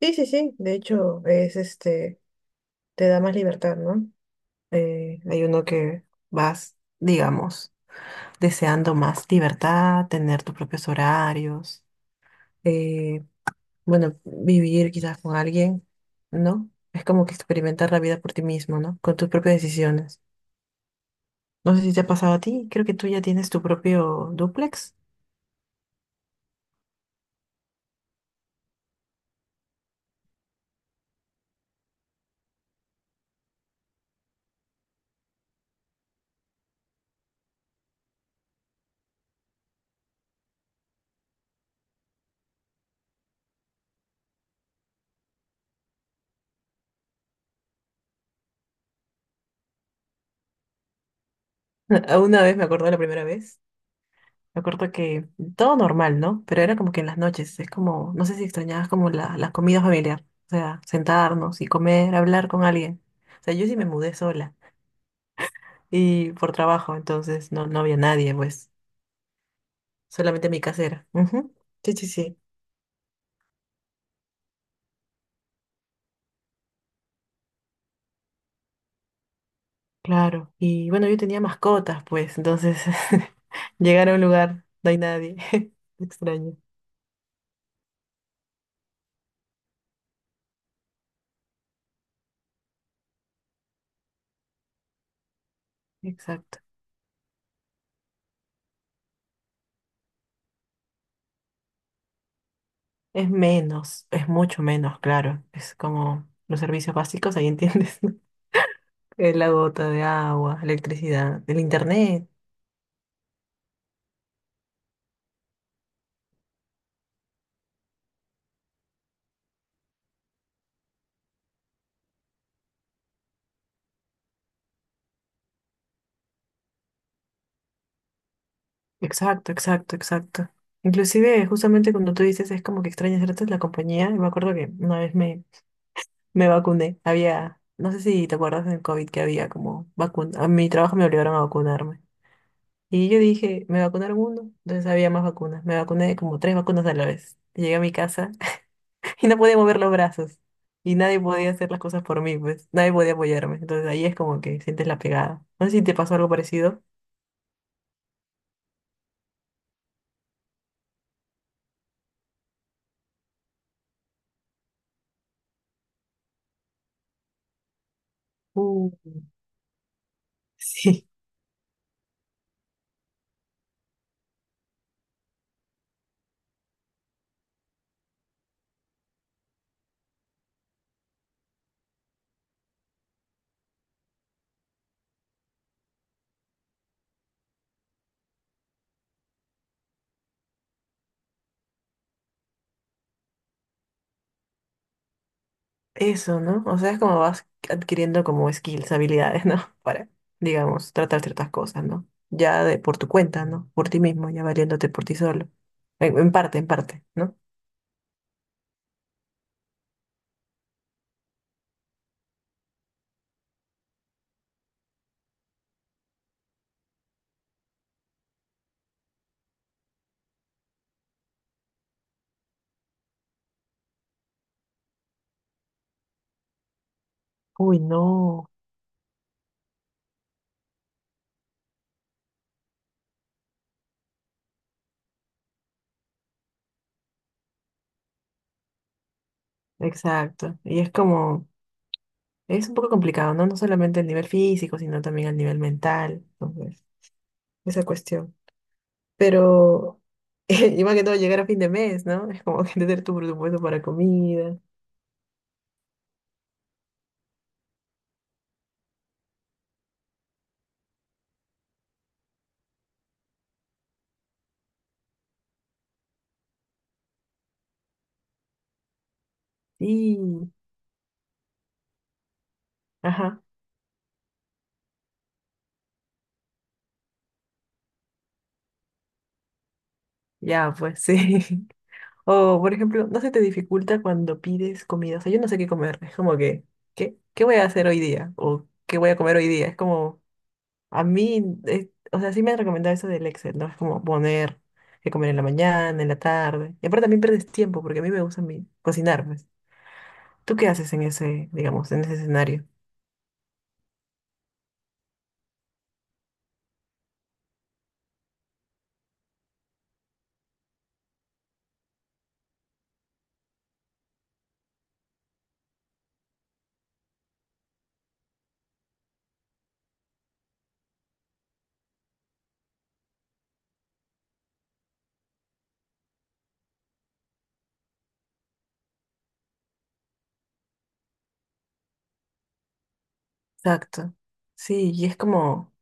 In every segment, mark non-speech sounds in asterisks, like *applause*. Sí, sí, sí. De hecho, es este, te da más libertad, ¿no? Hay uno que vas, digamos, deseando más libertad, tener tus propios horarios, eh, bueno, vivir quizás con alguien, ¿no? Es como que experimentar la vida por ti mismo, ¿no? Con tus propias decisiones. No sé si te ha pasado a ti, creo que tú ya tienes tu propio dúplex. *laughs* Una vez me acuerdo la primera vez. Me acuerdo que todo normal, ¿no? Pero era como que en las noches, es como, no sé si extrañabas como la comida familiar, o sea, sentarnos y comer, hablar con alguien. O sea, yo sí me mudé sola y por trabajo, entonces no, no había nadie, pues, solamente mi casera. Ujú. Sí, sí, sí, claro. Y bueno, yo tenía mascotas, pues, entonces *laughs* llegar a un lugar, no hay nadie. *laughs* Extraño. Exacto. Es menos, es mucho menos, claro. Es como los servicios básicos, ahí entiendes. *laughs* La gota de agua, electricidad, el internet. Exacto, exacto, exacto. Inclusive, justamente cuando tú dices es como que extrañas ciertas la compañía, y me acuerdo que una vez me vacuné. Había, no sé si te acuerdas del COVID que había como vacuna. A mi trabajo me obligaron a vacunarme. Y yo dije, me vacunaron uno, entonces había más vacunas. Me vacuné como tres vacunas a la vez. Llegué a mi casa *laughs* y no podía mover los brazos. Y nadie podía hacer las cosas por mí, pues. Nadie podía apoyarme. Entonces ahí es como que sientes la pegada. No sé si te pasó algo parecido. Mm, sí, eso, ¿no? O sea, es como vas adquiriendo como skills, habilidades, ¿no? *laughs* Para, digamos, tratar ciertas cosas, ¿no? Ya de, por tu cuenta, ¿no? Por ti mismo, ya valiéndote por ti solo. En parte, en parte, ¿no? Uy, no, exacto. Y es como, es un poco complicado, ¿no? No solamente el nivel físico, sino también el nivel mental, entonces, esa cuestión. Pero, *laughs* y más que todo, llegar a fin de mes, ¿no? Es como *laughs* que tener tu presupuesto para comida. Sí, ajá. Ya, pues sí. *laughs* O, por ejemplo, no se te dificulta cuando pides comida. O sea, yo no sé qué comer. Es como que, ¿qué voy a hacer hoy día? O, ¿qué voy a comer hoy día? Es como, a mí, o sea, sí me han recomendado eso del Excel, ¿no? Es como poner qué comer en la mañana, en la tarde. Y aparte también pierdes tiempo, porque a mí me gusta cocinar, pues. ¿Tú qué haces en ese, digamos, en ese escenario? Exacto. Sí, y es como,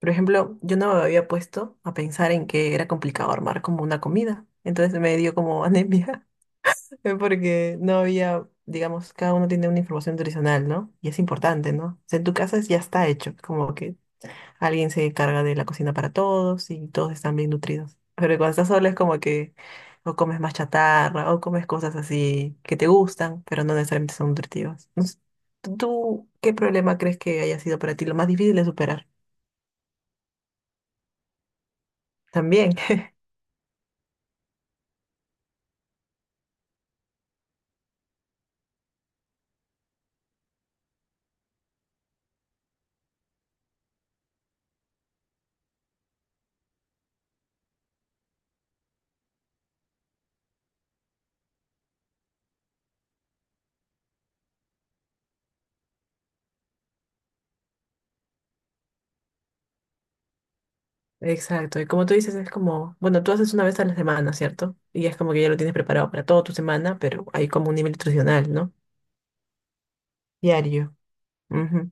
por ejemplo, yo no me había puesto a pensar en que era complicado armar como una comida. Entonces me dio como *laughs* anemia. Fue porque no había, digamos, cada uno tiene una información nutricional, ¿no? Y es importante, ¿no? O sea, en tu casa ya está hecho, como que alguien se encarga de la cocina para todos y todos están bien nutridos. Pero cuando estás sola es como que o comes más chatarra o comes cosas así que te gustan, pero no necesariamente son nutritivas. No sé, ¿tú qué problema crees que haya sido para ti lo más difícil de superar? También. Exacto, y como tú dices, es como, bueno, tú haces una vez a la semana, ¿cierto? Y es como que ya lo tienes preparado para toda tu semana, pero hay como un nivel nutricional, ¿no? Diario. Ujú.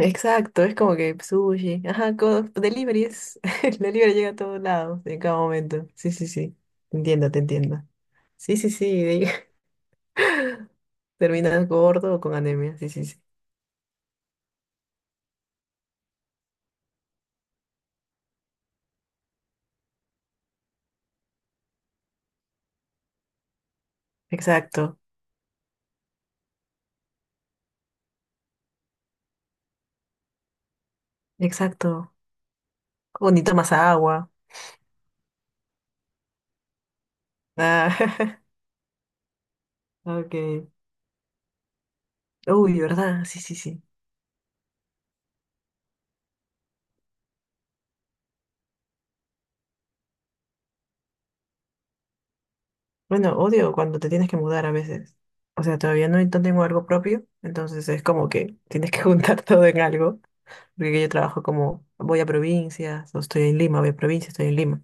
Exacto, es como que sushi, ajá, delivery es, *laughs* el delivery llega a todos lados en cada momento. Sí, sí, sí, te entiendo, te entiendo. Sí, sí, sí, *laughs* terminas gordo o con anemia, sí, sí, sí. Exacto, exacto. O ni tomas agua. Ah, *laughs* ok. Uy, ¿verdad? Sí, sí, sí. Bueno, odio cuando te tienes que mudar a veces. O sea, todavía no no tengo algo propio, entonces es como que *laughs* tienes que juntar *laughs* todo en algo, porque yo trabajo como voy a provincias, o estoy en Lima, voy a provincias, estoy en Lima.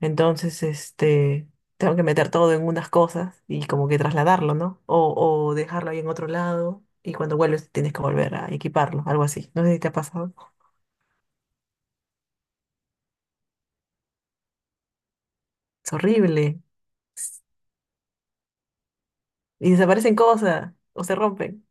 Entonces, este, tengo que meter todo en unas cosas y como que trasladarlo, ¿no? O dejarlo ahí en otro lado y cuando vuelves tienes que volver a equiparlo, algo así. No sé si te ha pasado. Es horrible. Y desaparecen cosas o se rompen.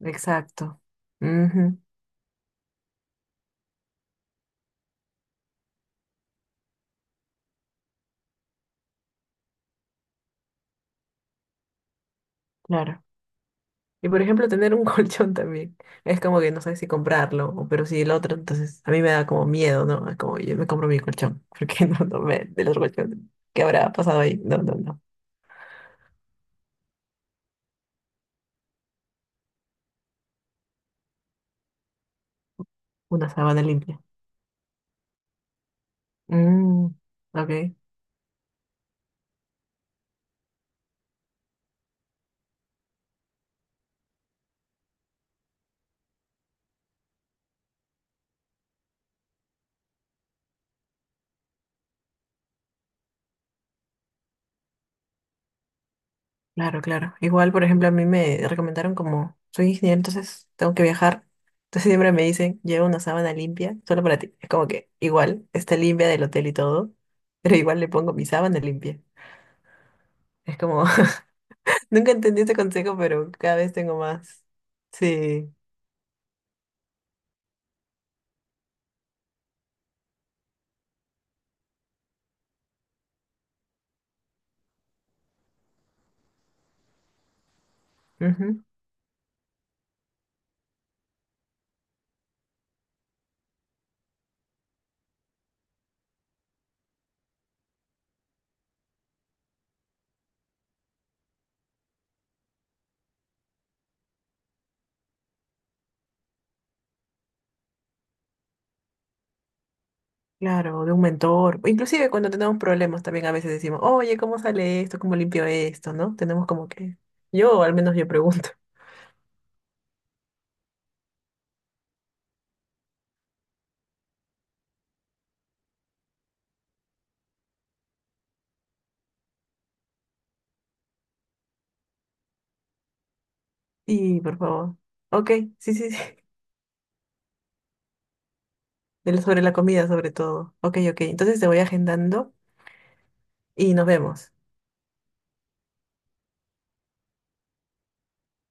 Exacto. Ujú, claro. Y por ejemplo, tener un *laughs* colchón también. Es como que no sabes si comprarlo, pero si el otro, entonces a mí me da como miedo, ¿no? Es como yo me compro mi colchón, *laughs* porque no, no me, del otro colchón. ¿Qué habrá pasado ahí? No, no, no. Una sábana limpia. Mm, ok, claro, claro. Igual, por ejemplo, a mí me recomendaron como, soy ingeniero, entonces tengo que viajar. Entonces siempre me dicen, lleva una sábana limpia, solo para ti. Es como que igual, está limpia del hotel y todo, pero igual le pongo mi sábana limpia. Es como. *laughs* Nunca entendí este consejo, pero cada vez tengo más. Sí. Ujú. Claro, de un mentor. Inclusive cuando tenemos problemas también a veces decimos, oye, ¿cómo sale esto? ¿Cómo limpio esto? ¿No? Tenemos como que. Yo, al menos yo pregunto. *laughs* Y por favor. Ok, sí, sí, sí. *laughs* Sobre la comida, sobre todo. Ok, ok. Entonces te voy agendando y nos vemos.